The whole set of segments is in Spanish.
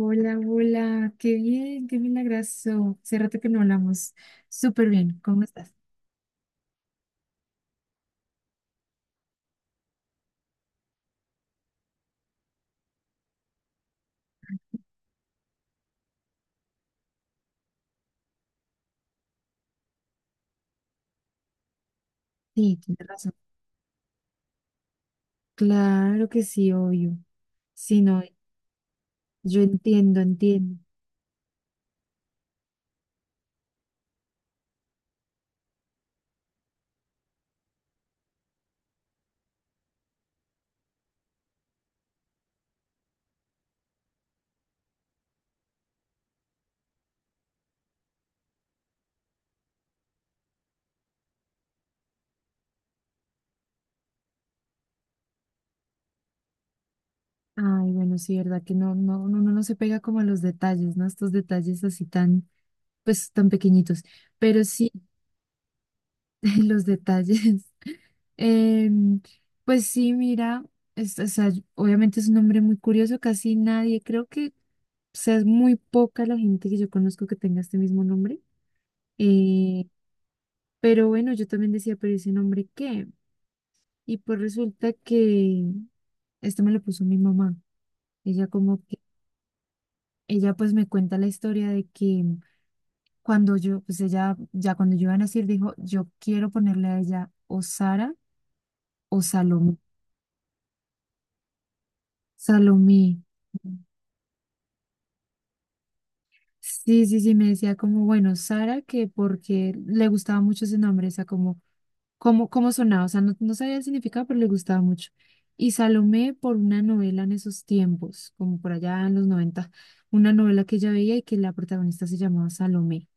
Hola, hola, qué bien, qué milagroso. Hace rato que no hablamos. Súper bien, ¿cómo estás? Sí, tienes razón. Claro que sí, obvio. Sí, no, yo entiendo, entiendo. Ay, bueno, sí, verdad que no, no, no, uno no se pega como a los detalles, ¿no? Estos detalles así tan, pues, tan pequeñitos. Pero sí. Los detalles. Em, pues sí, mira, o sea, obviamente es un hombre muy curioso, casi nadie, creo que, o sea, es muy poca la gente que yo conozco que tenga este mismo nombre. Eh, pero bueno, yo también decía, ¿pero ese nombre qué? Y pues resulta que esto me lo puso mi mamá. Ella como que, ella pues me cuenta la historia de que cuando yo, pues ella, ya cuando yo iba a nacer, dijo, yo quiero ponerle a ella o Sara o Salomé. Salomé. Sí, sí, sí, me decía como, bueno, Sara, que porque le gustaba mucho ese nombre, o sea, como, cómo sonaba, o sea, no sabía el significado, pero le gustaba mucho. Y Salomé por una novela en esos tiempos, como por allá en los 90, una novela que ella veía y que la protagonista se llamaba Salomé.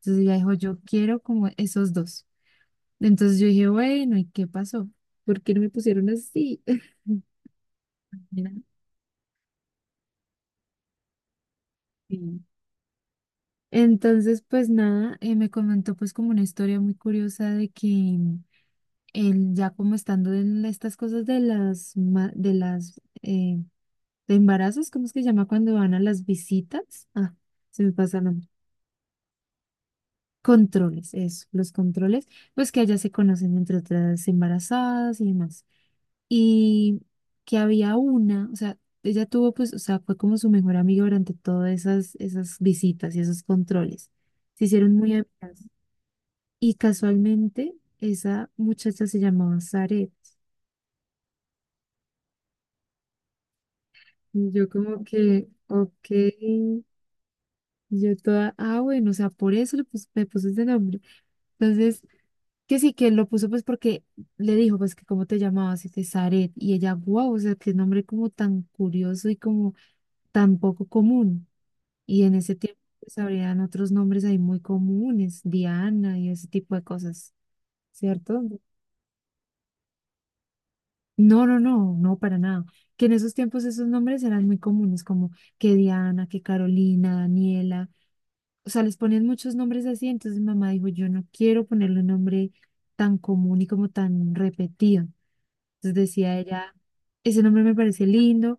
Entonces ella dijo, yo quiero como esos dos. Entonces yo dije, bueno, ¿y qué pasó? ¿Por qué no me pusieron así? Mira. Sí. Entonces, pues nada, me comentó pues como una historia muy curiosa de que él ya como estando en estas cosas de las ma- de las de embarazos. ¿Cómo es que se llama cuando van a las visitas? Ah, se me pasa el nombre. Controles, eso, los controles, pues que allá se conocen entre otras embarazadas y demás. Y que había una, o sea, ella tuvo pues, o sea, fue como su mejor amiga durante todas esas visitas y esos controles. Se hicieron muy amigas. Y casualmente esa muchacha se llamaba Zaret. Y yo como que, ok, yo toda, ah, bueno, o sea, por eso me puse ese nombre. Entonces, que sí, que lo puso pues porque le dijo, pues que cómo te llamabas, y que Zaret. Y ella, wow, o sea, qué nombre como tan curioso y como tan poco común. Y en ese tiempo pues habrían otros nombres ahí muy comunes, Diana y ese tipo de cosas, ¿cierto? No, no, no, no, para nada. Que en esos tiempos esos nombres eran muy comunes, como que Diana, que Carolina, Daniela. O sea, les ponían muchos nombres así. Entonces mi mamá dijo, yo no quiero ponerle un nombre tan común y como tan repetido. Entonces decía ella, ese nombre me parece lindo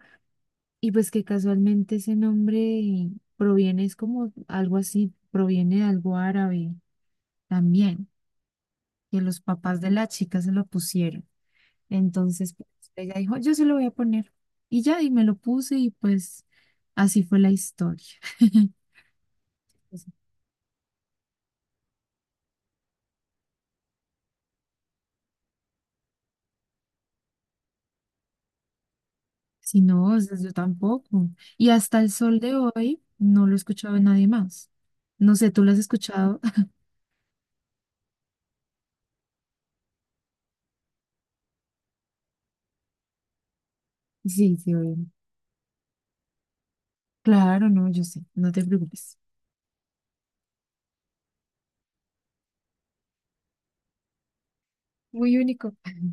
y pues que casualmente ese nombre proviene, es como algo así, proviene de algo árabe también, que los papás de la chica se lo pusieron. Entonces, pues, ella dijo, yo se lo voy a poner. Y ya, y me lo puse y pues así fue la historia. Si no, o sea, yo tampoco. Y hasta el sol de hoy no lo he escuchado de nadie más. No sé, ¿tú lo has escuchado? Sí, sí, obvio. Claro, no, yo sé, no te preocupes. Muy único.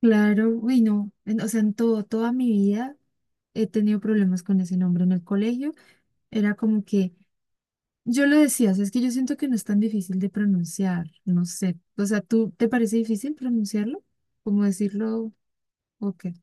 Claro, uy, no. O sea, en todo, toda mi vida he tenido problemas con ese nombre en el colegio. Era como que Yo lo decía, o sea, es que yo siento que no es tan difícil de pronunciar, no sé. O sea, ¿tú te parece difícil pronunciarlo? ¿Cómo decirlo? ¿O qué?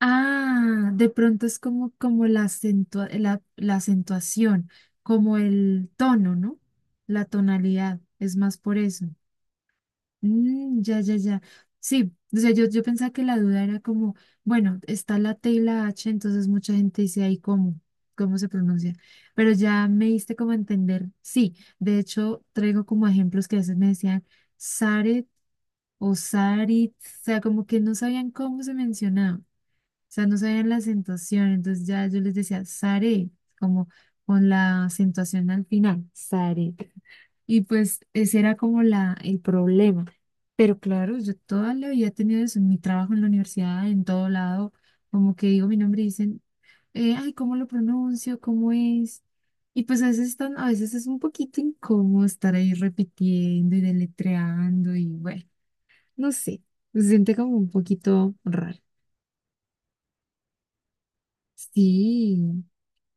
Ah, de pronto es como, la, la acentuación, como el tono, ¿no? La tonalidad, es más por eso. Mm, ya, ya, ya. Sí, o sea, yo pensaba que la duda era como, bueno, está la T y la H, entonces mucha gente dice ahí cómo se pronuncia. Pero ya me diste como a entender. Sí, de hecho, traigo como ejemplos que a veces me decían Saret o Sarit, o sea, como que no sabían cómo se mencionaba sea, no sabían la acentuación, entonces ya yo les decía, Sare, como con la acentuación al final, Sare. Y pues ese era como el problema. Pero claro, yo toda la vida he tenido eso en mi trabajo, en la universidad, en todo lado, como que digo mi nombre y dicen, ay, ¿cómo lo pronuncio? ¿Cómo es? Y pues a veces están, a veces es un poquito incómodo estar ahí repitiendo y deletreando y bueno, no sé, se siente como un poquito raro. Sí,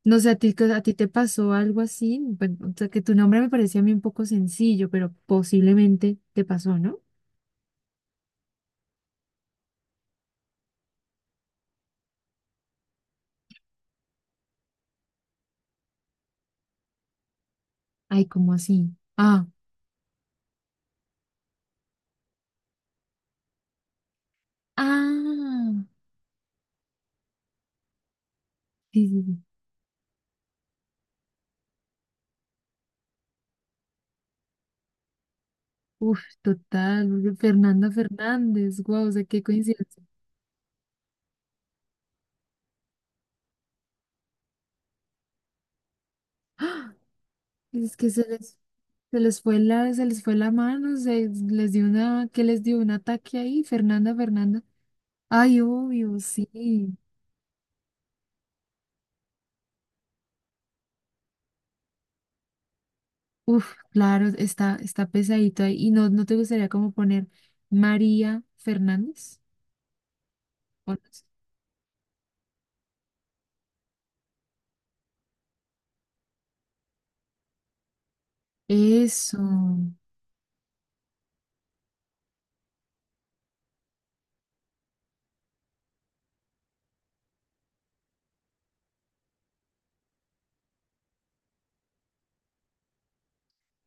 no sé, a ti, a ti te pasó algo así, bueno, o sea, que tu nombre me parecía a mí un poco sencillo, pero posiblemente te pasó, ¿no? Ay, ¿cómo así? Ah, ah, sí, sí, sí. Uf, total, porque Fernanda Fernández, guau, o sea, qué coincidencia. ¡Ah! Es que se les fue la mano, se les dio una, que les dio un ataque ahí, Fernanda Fernanda. Ay, obvio, sí. Uf, claro, está pesadito ahí. ¿Y no te gustaría como poner María Fernández? O no sé. Eso.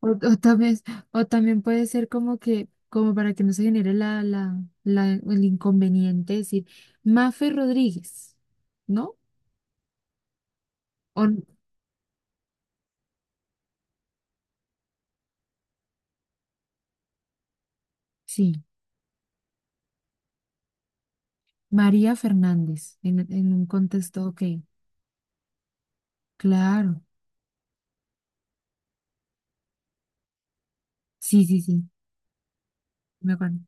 O también, o también puede ser como que, como para que no se genere el inconveniente, decir Mafe Rodríguez, ¿no? O, sí, María Fernández, en un contexto, ok, claro. Sí, sí, sí, me acuerdo.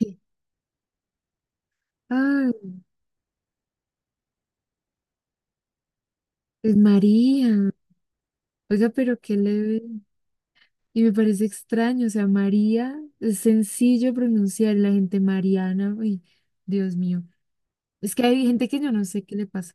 Sí. Ay, pues María. Oiga, pero qué le Y me parece extraño, o sea, María, es sencillo pronunciar la gente Mariana, uy, Dios mío. Es que hay gente que yo no sé qué le pasa.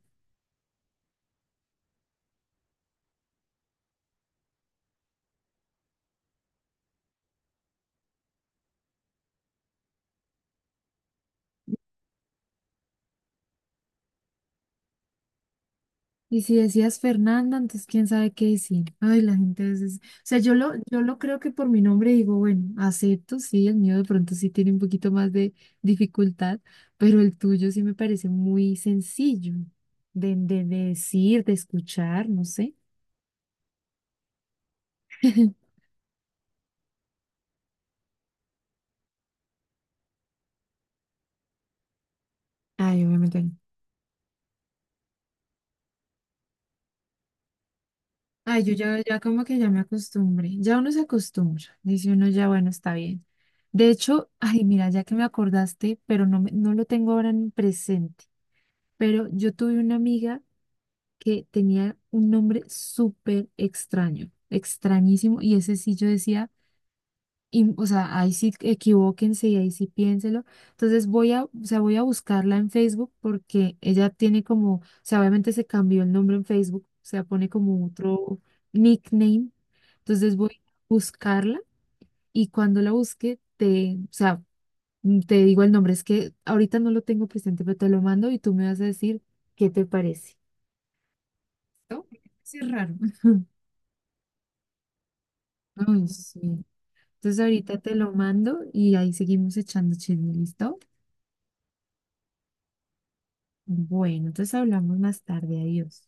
Y si decías Fernanda, entonces quién sabe qué decir. Ay, la gente a veces, o sea, yo lo creo que por mi nombre digo, bueno, acepto, sí, el mío de pronto sí tiene un poquito más de dificultad, pero el tuyo sí me parece muy sencillo de decir, de escuchar, no sé. Ay, obviamente. Ay, yo ya como que ya me acostumbré, ya uno se acostumbra, dice uno ya, bueno, está bien. De hecho, ay, mira, ya que me acordaste, pero no, no lo tengo ahora en presente, pero yo tuve una amiga que tenía un nombre súper extraño, extrañísimo, y ese sí yo decía. Y, o sea, ahí sí equivóquense y ahí sí piénselo. Entonces voy a, o sea, voy a buscarla en Facebook porque ella tiene como, o sea, obviamente se cambió el nombre en Facebook, o sea, pone como otro nickname. Entonces voy a buscarla y cuando la busque, o sea, te digo el nombre. Es que ahorita no lo tengo presente, pero te lo mando y tú me vas a decir qué te parece. ¿No? Sí, es raro. Ay, sí. Entonces ahorita te lo mando y ahí seguimos echando chisme, ¿listo? Bueno, entonces hablamos más tarde. Adiós.